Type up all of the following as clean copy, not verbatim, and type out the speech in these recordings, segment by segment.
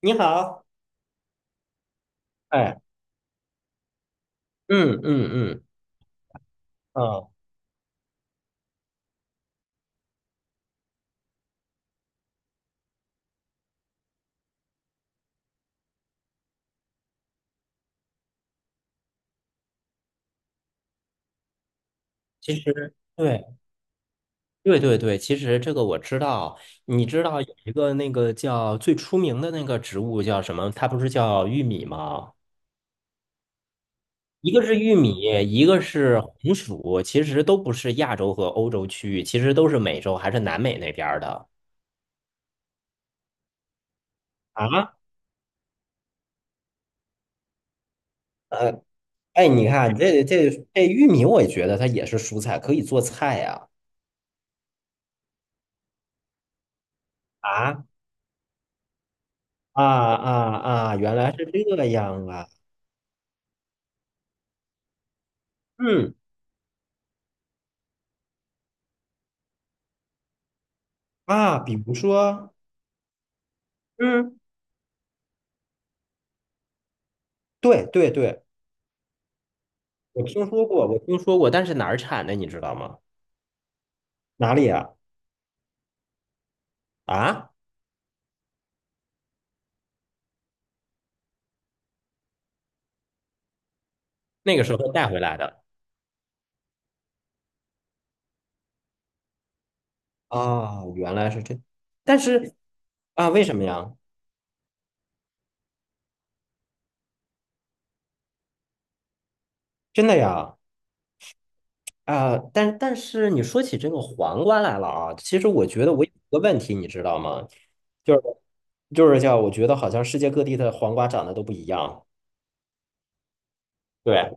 你好，哎，嗯嗯嗯，嗯，其实对对对对，其实这个我知道。你知道有一个那个叫最出名的那个植物叫什么？它不是叫玉米吗？一个是玉米，一个是红薯，其实都不是亚洲和欧洲区域，其实都是美洲还是南美那边儿的。啊，哎，你看这玉米，我也觉得它也是蔬菜，可以做菜呀、啊啊啊啊！原来是这样啊！嗯，啊，比如说。嗯，对对对，我听说过，我听说过，但是哪儿产的你知道吗？哪里啊？啊，那个时候带回来的。啊，原来是这。但是啊，为什么呀？真的呀？啊，但但是你说起这个黄瓜来了啊，其实我觉得我有一个问题，你知道吗？就是就是叫我觉得好像世界各地的黄瓜长得都不一样。对，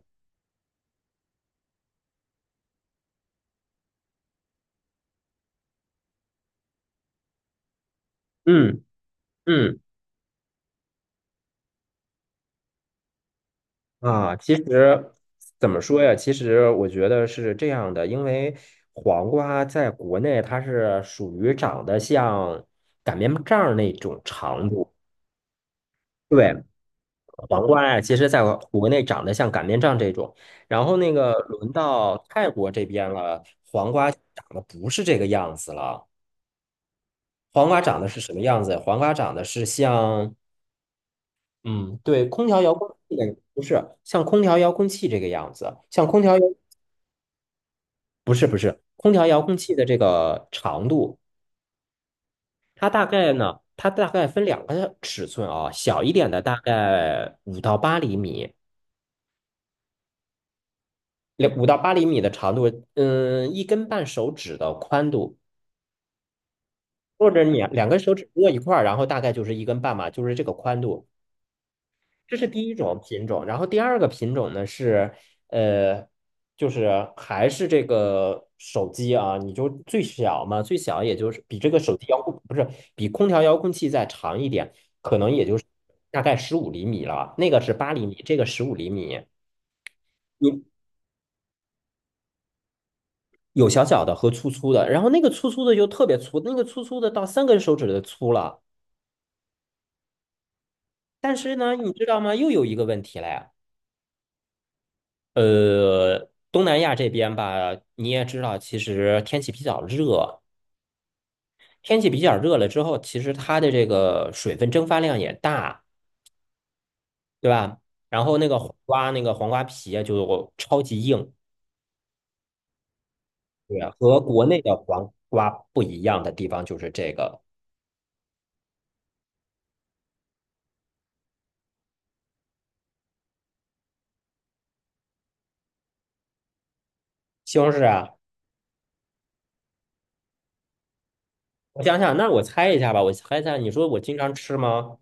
嗯嗯。啊，其实怎么说呀？其实我觉得是这样的，因为黄瓜在国内它是属于长得像擀面杖儿那种长度。对，黄瓜呀，其实在国内长得像擀面杖这种，然后那个轮到泰国这边了，长得不是这个样子了。黄瓜长得是什么样子？黄瓜长得是像，嗯，对，空调遥控器的不是像空调遥控器这个样子，像空调。空调遥控器的这个长度，它大概呢，它大概分两个尺寸啊，小一点的大概五到八厘米，两五到八厘米的长度，嗯，一根半手指的宽度，或者你两根手指握一块儿，然后大概就是一根半嘛，就是这个宽度。这是第一种品种，然后第二个品种呢是，呃，就是还是这个手机啊，你就最小嘛，最小也就是比这个手机遥控，不是，比空调遥控器再长一点，可能也就是大概十五厘米了，那个是八厘米，这个十五厘米。你有小小的和粗粗的，然后那个粗粗的就特别粗，那个粗粗的到三根手指的粗了。但是呢，你知道吗？又有一个问题了呀。东南亚这边吧，你也知道，其实天气比较热，天气比较热了之后，其实它的这个水分蒸发量也大，对吧？然后那个黄瓜，那个黄瓜皮啊就超级硬，对，和国内的黄瓜不一样的地方就是这个。西红柿啊，我想想，那我猜一下吧，我猜一下，你说我经常吃吗？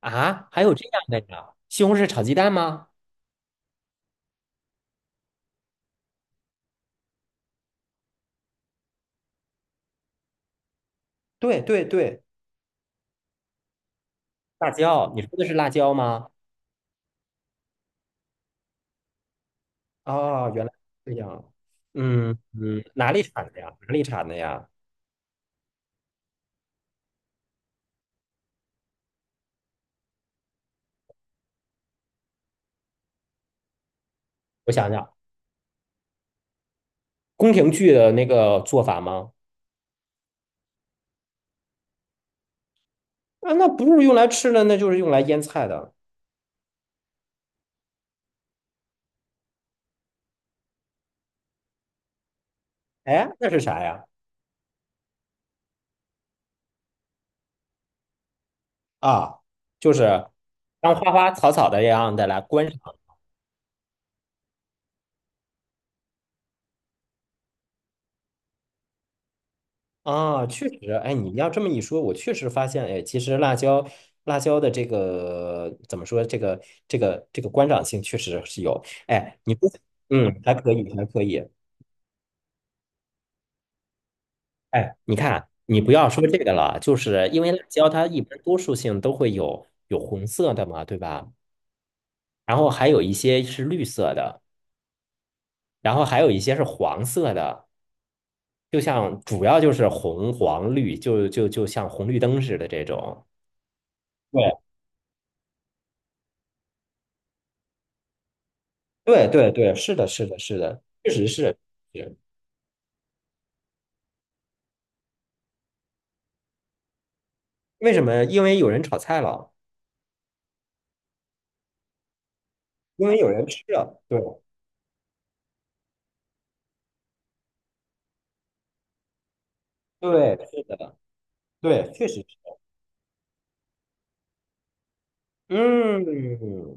啊，还有这样的呀？西红柿炒鸡蛋吗？对对对，辣椒，你说的是辣椒吗？啊，原来是这样。嗯嗯，哪里产的呀？哪里产的呀？我想想，宫廷剧的那个做法吗？啊，那不是用来吃的，那就是用来腌菜的。哎，那是啥呀？啊，就是当花花草草的样的来观赏。啊，确实，哎，你要这么一说，我确实发现，哎，其实辣椒，辣椒的这个怎么说，这个这个观赏性确实是有。哎，你不，嗯，还可以，还可以。哎，你看，你不要说这个了，就是因为辣椒它一般多数性都会有红色的嘛，对吧？然后还有一些是绿色的，然后还有一些是黄色的，就像主要就是红黄绿，就就就像红绿灯似的这种。对对对对，是的，是的，是的，确实是。是为什么？因为有人炒菜了，因为有人吃了。对对，是的，对，确实是。嗯，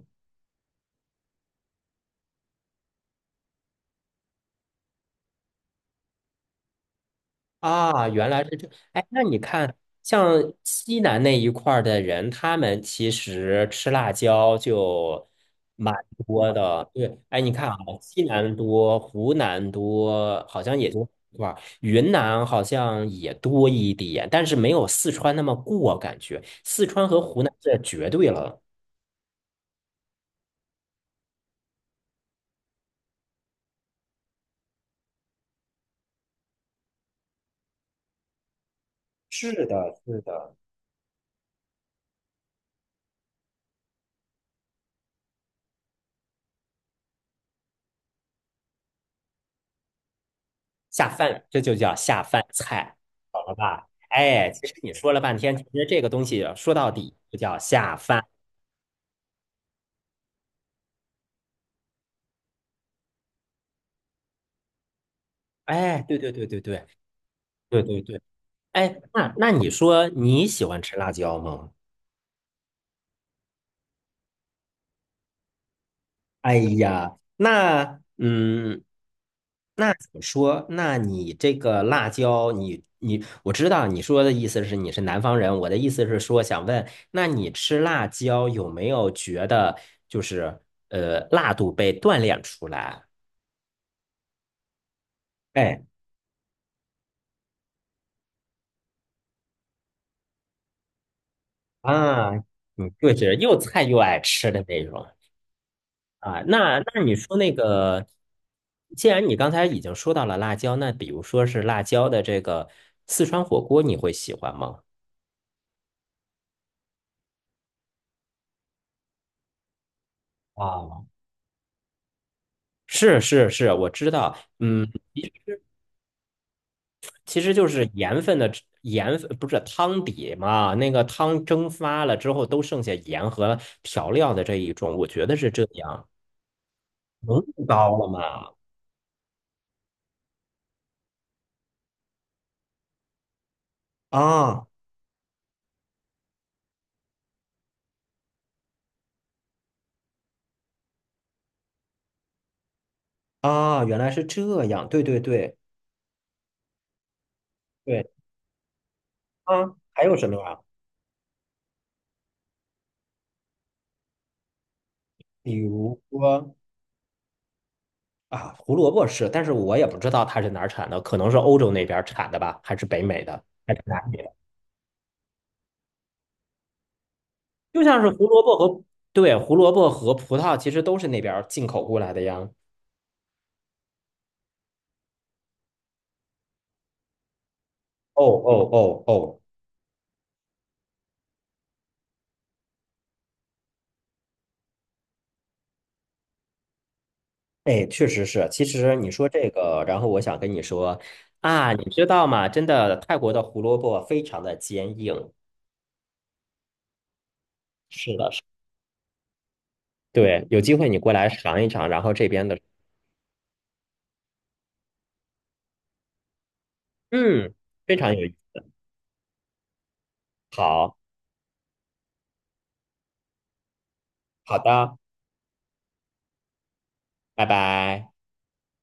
啊，原来是这，哎，那你看，像西南那一块儿的人，他们其实吃辣椒就蛮多的。对，哎，你看啊，西南多，湖南多，好像也就一吧？云南好像也多一点，但是没有四川那么过，感觉四川和湖南这绝对了。是的，是的，下饭，这就叫下饭菜。啊！哎，其实你说了半天，其实这个东西说到底就叫下饭。哎，对对对对对对对对，哎，那那你说你喜欢吃辣椒吗？哎呀，那嗯，那怎么说？那你这个辣椒，你，我知道你说的意思是你是南方人，我的意思是说想问，那你吃辣椒有没有觉得就是辣度被锻炼出来？哎啊，你就是又菜又爱吃的那种。啊，那那你说那个，既然你刚才已经说到了辣椒，那比如说是辣椒的这个四川火锅，你会喜欢吗？啊，是是是，我知道，嗯，其实就是盐分的盐分，不是汤底嘛，那个汤蒸发了之后都剩下盐和调料的这一种，我觉得是这样，浓度高了吗？啊啊，原来是这样，对对对对啊，还有什么啊？比如说。啊，胡萝卜是，但是我也不知道它是哪儿产的，可能是欧洲那边儿产的吧，还是北美的，还是哪里的？就像是胡萝卜和，对，胡萝卜和葡萄其实都是那边儿进口过来的呀。哦哦哦哦，哎，确实是。其实你说这个，然后我想跟你说啊，你知道吗？真的，泰国的胡萝卜非常的坚硬。是的，是的，对，有机会你过来尝一尝，然后这边的，嗯，非常有意思。好，好的，拜拜。